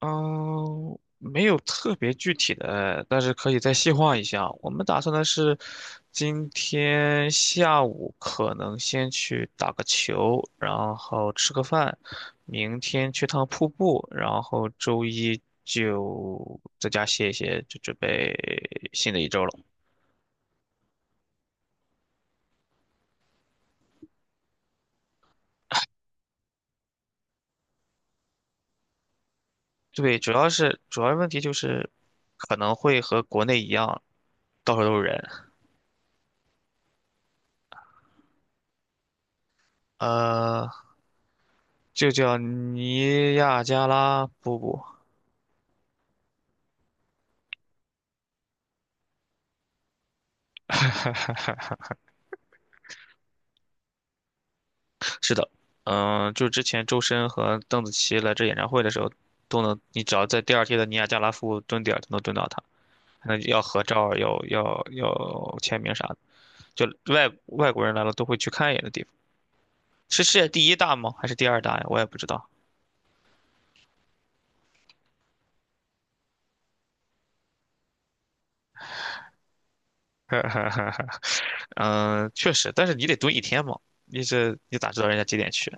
嗯，没有特别具体的，但是可以再细化一下。我们打算的是，今天下午可能先去打个球，然后吃个饭，明天去趟瀑布，然后周一就在家歇一歇，就准备新的一周了。对，主要问题就是可能会和国内一样，到处都是人。呃，就叫尼亚加拉瀑布。是的，就之前周深和邓紫棋来这演唱会的时候，都能，你只要在第二天的尼亚加拉夫蹲点儿就能蹲到他，还能要合照儿要签名啥的，就外国人来了都会去看一眼的地方。是世界第一大吗？还是第二大呀？我也不知道。嗯，确实，但是你得蹲一天嘛，你咋知道人家几点去？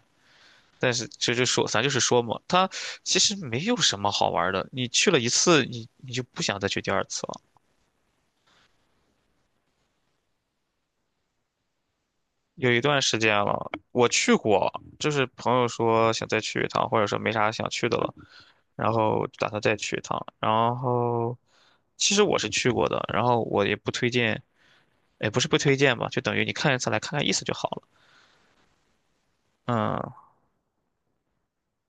但是这就说，咱就是说嘛，它其实没有什么好玩儿的。你去了一次，你就不想再去第二次了。有一段时间了，我去过，就是朋友说想再去一趟，或者说没啥想去的了，然后打算再去一趟。然后，其实我是去过的，然后我也不推荐，也不是不推荐吧，就等于你看一次来看看意思就好了。嗯，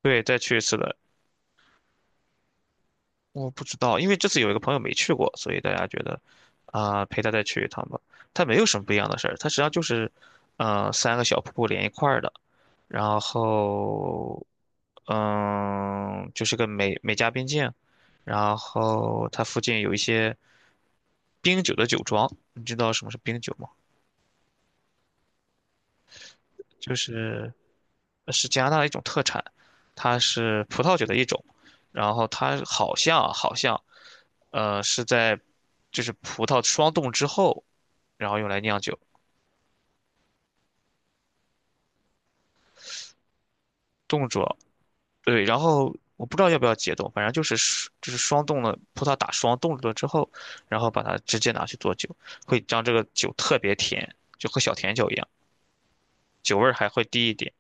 对，再去一次的，我不知道，因为这次有一个朋友没去过，所以大家觉得，陪他再去一趟吧。他没有什么不一样的事儿，它实际上就是，3个小瀑布连一块儿的。然后，就是个美加边境，然后它附近有一些冰酒的酒庄，你知道什么是冰酒吗？就是是加拿大的一种特产，它是葡萄酒的一种，然后它好像啊好像，呃，是在就是葡萄霜冻之后，然后用来酿酒，冻住了，对，然后我不知道要不要解冻，反正就是双就是霜冻了，葡萄打霜冻住了之后，然后把它直接拿去做酒，会将这个酒特别甜，就和小甜酒一样，酒味儿还会低一点，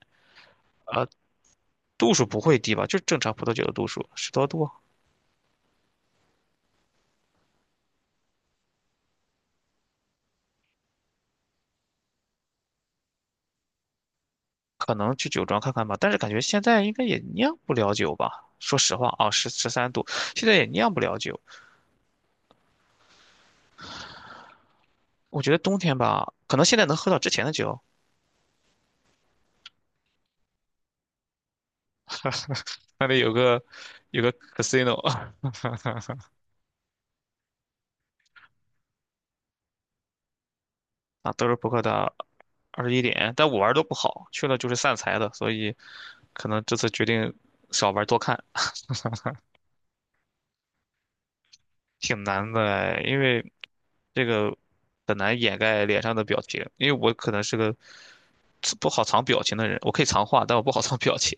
度数不会低吧？就正常葡萄酒的度数，10多度，可能去酒庄看看吧。但是感觉现在应该也酿不了酒吧？说实话啊，十三度，现在也酿不了酒。我觉得冬天吧，可能现在能喝到之前的酒，那里有个casino,啊，德州扑克的二十一点，但我玩儿都不好，去了就是散财的，所以可能这次决定少玩儿多看，挺难的哎因为这个很难掩盖脸上的表情，因为我可能是个不好藏表情的人，我可以藏话，但我不好藏表情，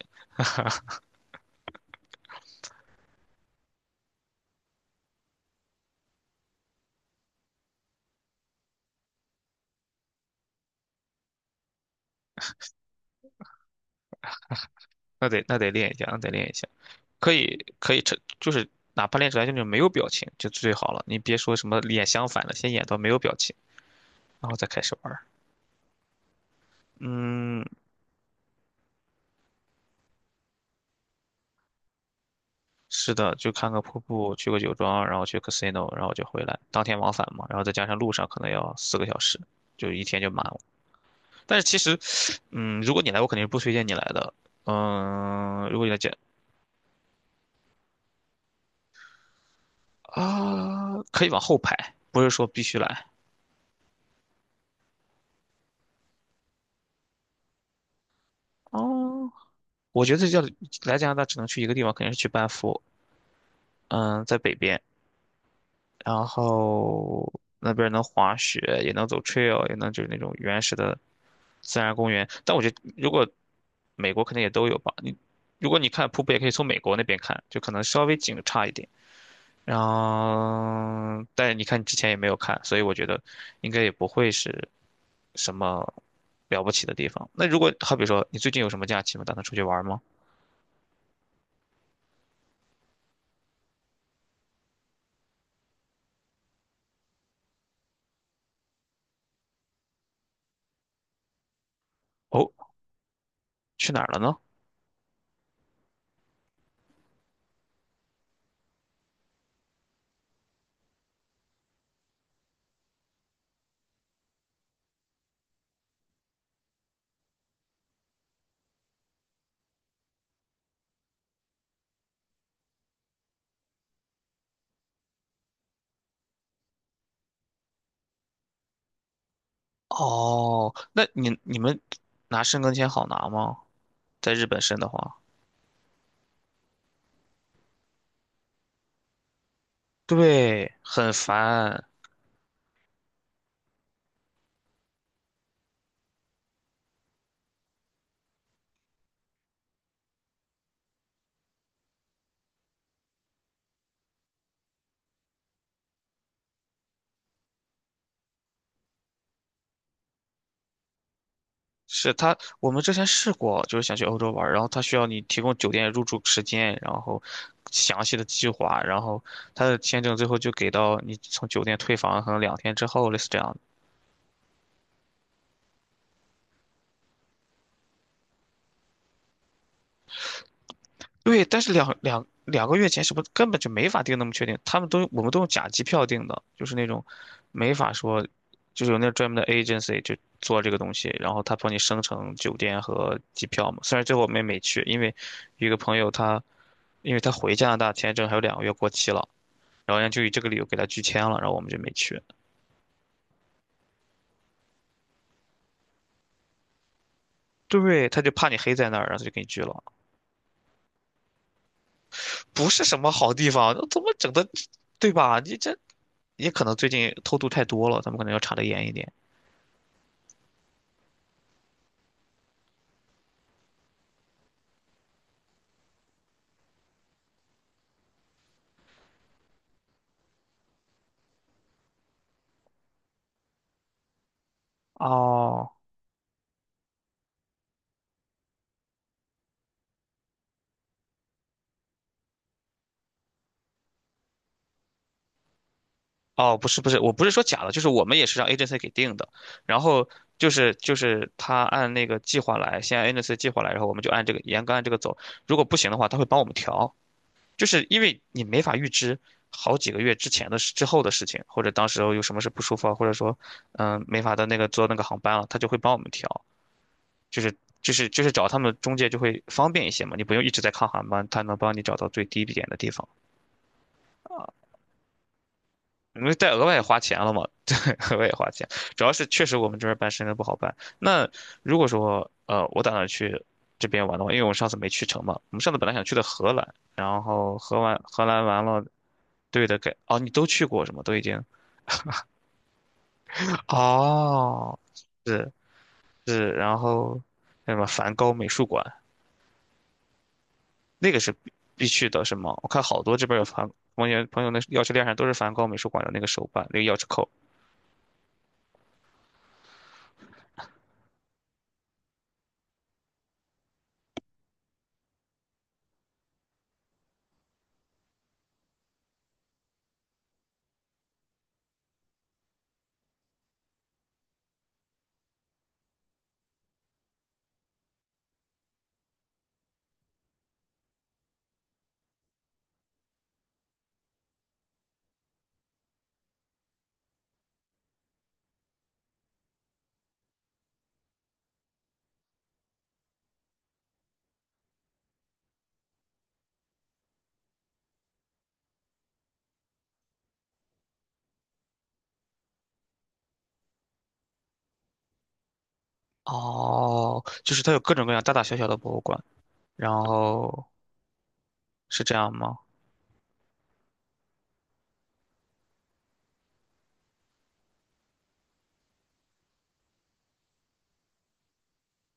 那得练一下，那得练一下，可以成，就是哪怕练出来就是没有表情就最好了，你别说什么脸相反的，先演到没有表情，然后再开始玩儿嗯。是的，就看个瀑布，去个酒庄，然后去 casino,然后就回来，当天往返嘛，然后再加上路上可能要4个小时，就一天就满了。但是其实，如果你来，我肯定是不推荐你来的。如果你来讲啊，可以往后排，不是说必须来。哦，我觉得来加拿大只能去一个地方，肯定是去班夫。嗯，在北边。然后那边儿能滑雪，也能走 trail,也能就是那种原始的自然公园。但我觉得如果美国肯定也都有吧，如果你看瀑布，也可以从美国那边看，就可能稍微景差一点。然后，但你看你之前也没有看，所以我觉得应该也不会是什么了不起的地方。那如果好比说你最近有什么假期吗？打算出去玩吗？哦，去哪儿了呢？哦，那你们拿申根签好拿吗？在日本申的话，对，很烦。是他，我们之前试过，就是想去欧洲玩儿，然后他需要你提供酒店入住时间，然后详细的计划，然后他的签证最后就给到你从酒店退房可能2天之后，类似这样对，但是两个月前什么根本就没法定那么确定，他们都我们都用假机票定的，就是那种没法说，就是有那专门的 agency 就做这个东西，然后他帮你生成酒店和机票嘛。虽然最后我们也没去，因为有一个朋友他，因为他回加拿大签证还有两个月过期了，然后人家就以这个理由给他拒签了，然后我们就没去。对，他就怕你黑在那儿，然后他就给你拒了。不是什么好地方，怎么整的，对吧？你这也可能最近偷渡太多了，他们可能要查得严一点。哦哦，不是不是，我不是说假的，就是我们也是让 agency 给定的，然后就是他按那个计划来，先按 agency 计划来，然后我们就按这个严格按这个走，如果不行的话，他会帮我们调，就是因为你没法预知好几个月之前的事、之后的事情，或者当时候有什么事不舒服啊，或者说没法的那个坐那个航班了，他就会帮我们调，就是就是找他们中介就会方便一些嘛，你不用一直在看航班，他能帮你找到最低一点的地方。啊。因为再额外花钱了嘛，对，额外花钱，主要是确实我们这边办深圳不好办。那如果说我打算去这边玩的话，因为我上次没去成嘛，我们上次本来想去的荷兰，然后荷兰完了，对的，给哦，你都去过是吗？都已经哦，是是，然后那什么梵高美术馆那个是必去的，是吗？我看好多这边有梵，朋友那钥匙链上都是梵高美术馆的那个手办，那个钥匙扣。哦，就是它有各种各样大大小小的博物馆。然后是这样吗？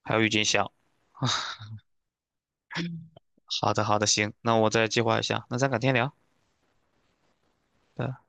还有郁金香。好的，好的，行，那我再计划一下，那咱改天聊。嗯。